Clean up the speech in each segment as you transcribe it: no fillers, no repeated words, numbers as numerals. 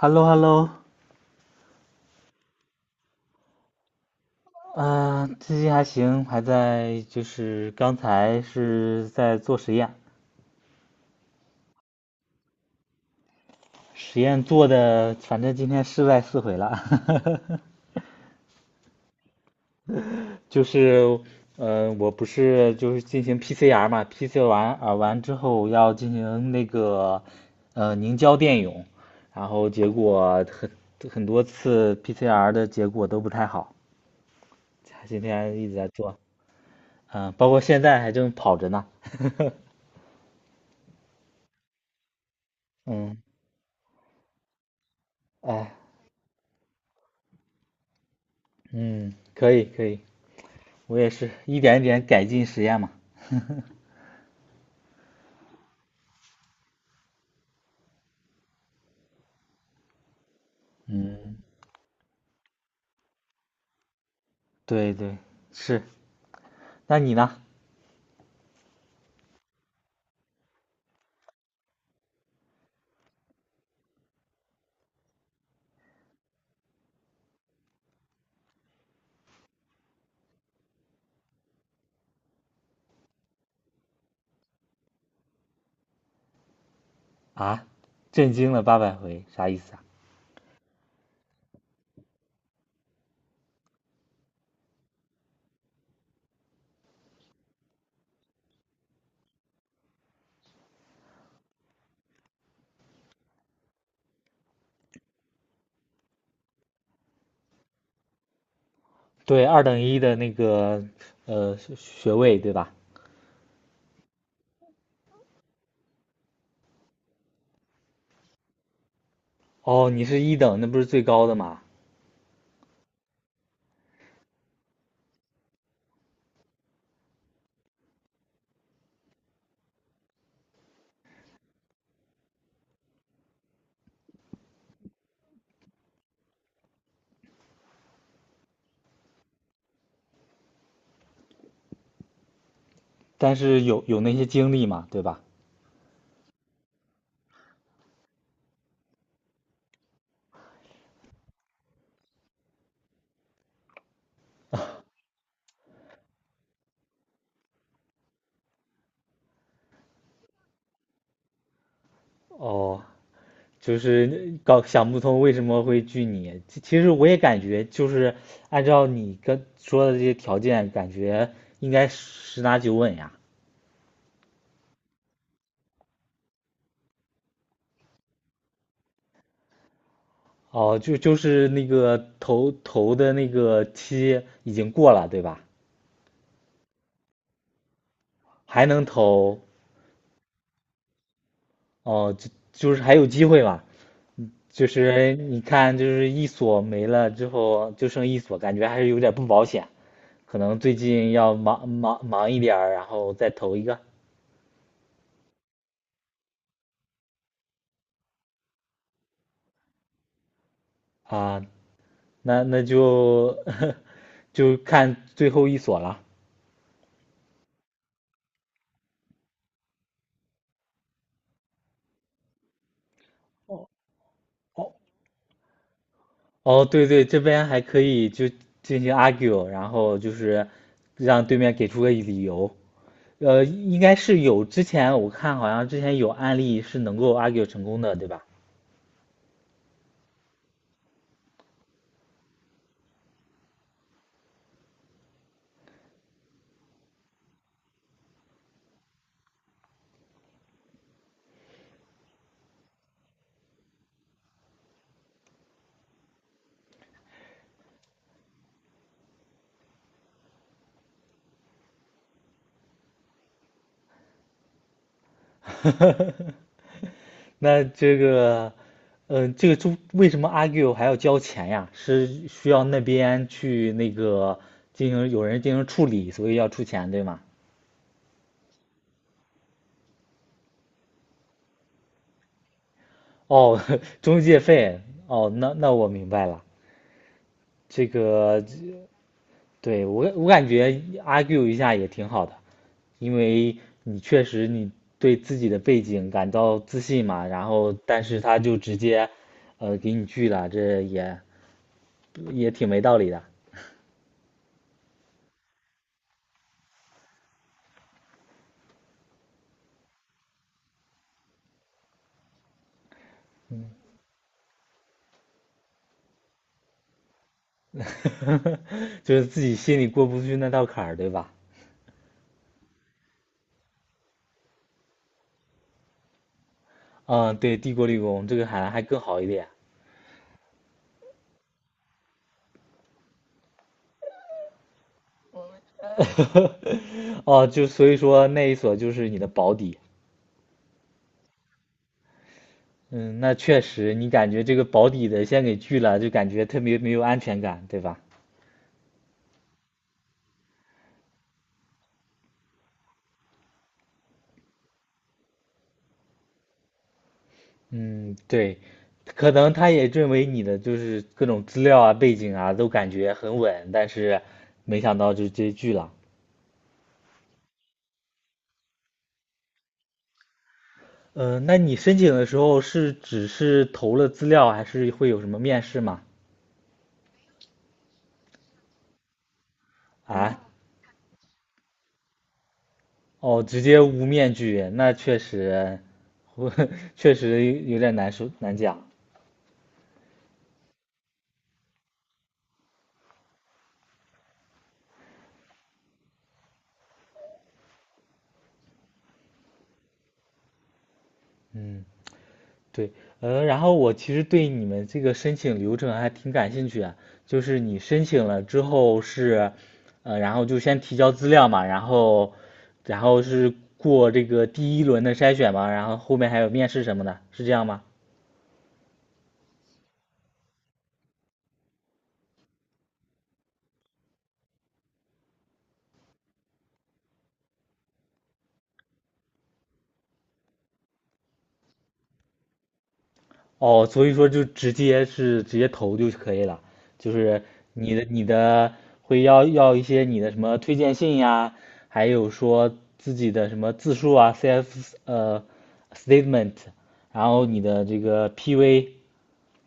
h e l l o h e l l o 最近还行，还在就是刚才是在做实验，实验做的，反正今天失败四回了。就是我不是就是进行 PCR 嘛，PCR 完之后要进行那个凝胶电泳，然后结果很多次 PCR 的结果都不太好，今天一直在做，嗯、包括现在还正跑着呢。嗯。哎，嗯，可以可以，我也是一点一点改进实验嘛。嗯，对对，是。那你呢？啊，震惊了八百回，啥意思啊？对，二等一的那个学位对吧？哦，你是一等，那不是最高的嘛？但是有那些经历嘛，对吧？哦，就是搞想不通为什么会拒你。其实我也感觉，就是按照你跟说的这些条件，感觉应该十拿九稳呀。哦，就是那个投的那个期已经过了，对吧？还能投，哦，就是还有机会嘛？就是你看，就是一所没了之后，就剩一所，感觉还是有点不保险，可能最近要忙一点儿然后再投一个啊，那就 就看最后一所了。哦哦哦，对对，这边还可以就进行 argue,然后就是让对面给出个理由。应该是有，之前我看好像之前有案例是能够 argue 成功的，对吧？那这个，嗯、这个中为什么 argue 还要交钱呀？是需要那边去那个进行有人进行处理，所以要出钱，对吗？哦，中介费，哦，那我明白了。这个对，我感觉 argue 一下也挺好的，因为你确实你对自己的背景感到自信嘛，然后但是他就直接，给你拒了，这也也挺没道理的。就是自己心里过不去那道坎儿，对吧？嗯，对，帝国理工这个好像还更好一点。哦，就所以说那一所就是你的保底，嗯，那确实，你感觉这个保底的先给拒了，就感觉特别没有安全感，对吧？嗯，对，可能他也认为你的就是各种资料啊、背景啊都感觉很稳，但是没想到就直接拒了。那你申请的时候是只是投了资料，还是会有什么面试吗？啊？哦，直接无面具，那确实，我确实有点难受，难讲。嗯，对，然后我其实对你们这个申请流程还挺感兴趣啊，就是你申请了之后是，然后就先提交资料嘛，然后，然后是过这个第一轮的筛选嘛，然后后面还有面试什么的，是这样吗？哦，所以说就直接是直接投就可以了，就是你的会要一些你的什么推荐信呀，还有说自己的什么自述啊，CF statement,然后你的这个 PV,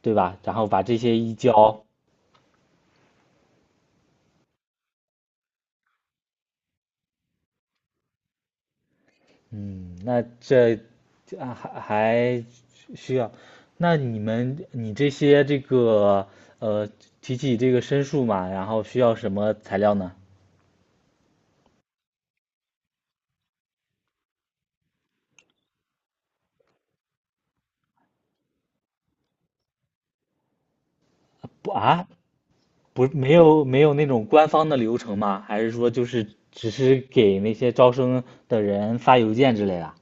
对吧？然后把这些一交，嗯，那这啊还还需要，那你这些这个呃提起这个申诉嘛，然后需要什么材料呢？不啊？不是没有没有那种官方的流程吗？还是说就是只是给那些招生的人发邮件之类的？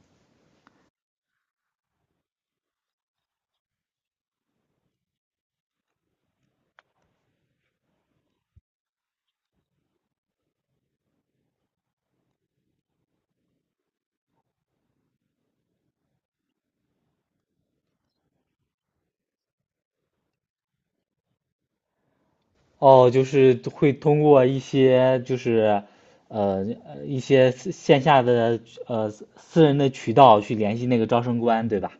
哦，就是会通过一些就是呃呃一些私线下的呃私人的渠道去联系那个招生官，对吧？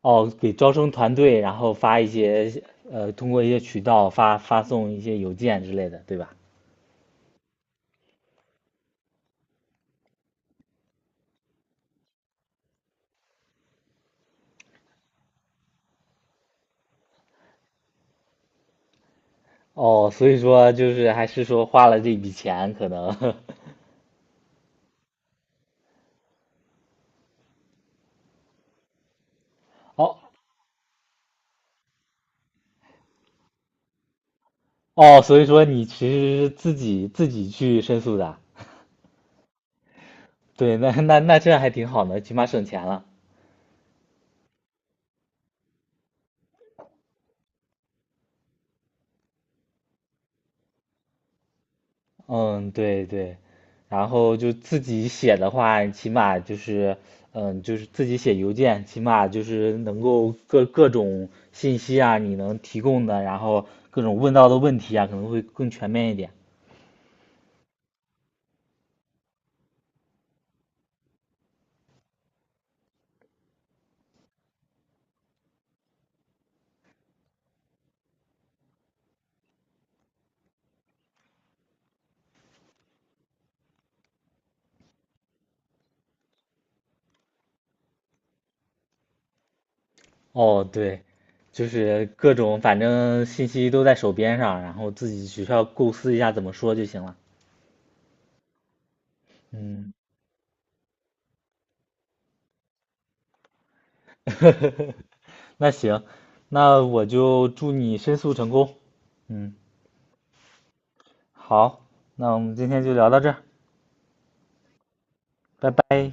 哦，给招生团队，然后发一些通过一些渠道发送一些邮件之类的，对吧？哦，所以说就是还是说花了这笔钱，可能 哦哦，所以说你其实是自己自己去申诉的啊，对，那这样还挺好的，起码省钱了。嗯，对对，然后就自己写的话，起码就是，嗯，就是自己写邮件，起码就是能够各种信息啊，你能提供的，然后各种问到的问题啊，可能会更全面一点。哦，对，就是各种反正信息都在手边上，然后自己只需要构思一下怎么说就行了。嗯，那行，那我就祝你申诉成功。嗯，好，那我们今天就聊到这儿，拜拜。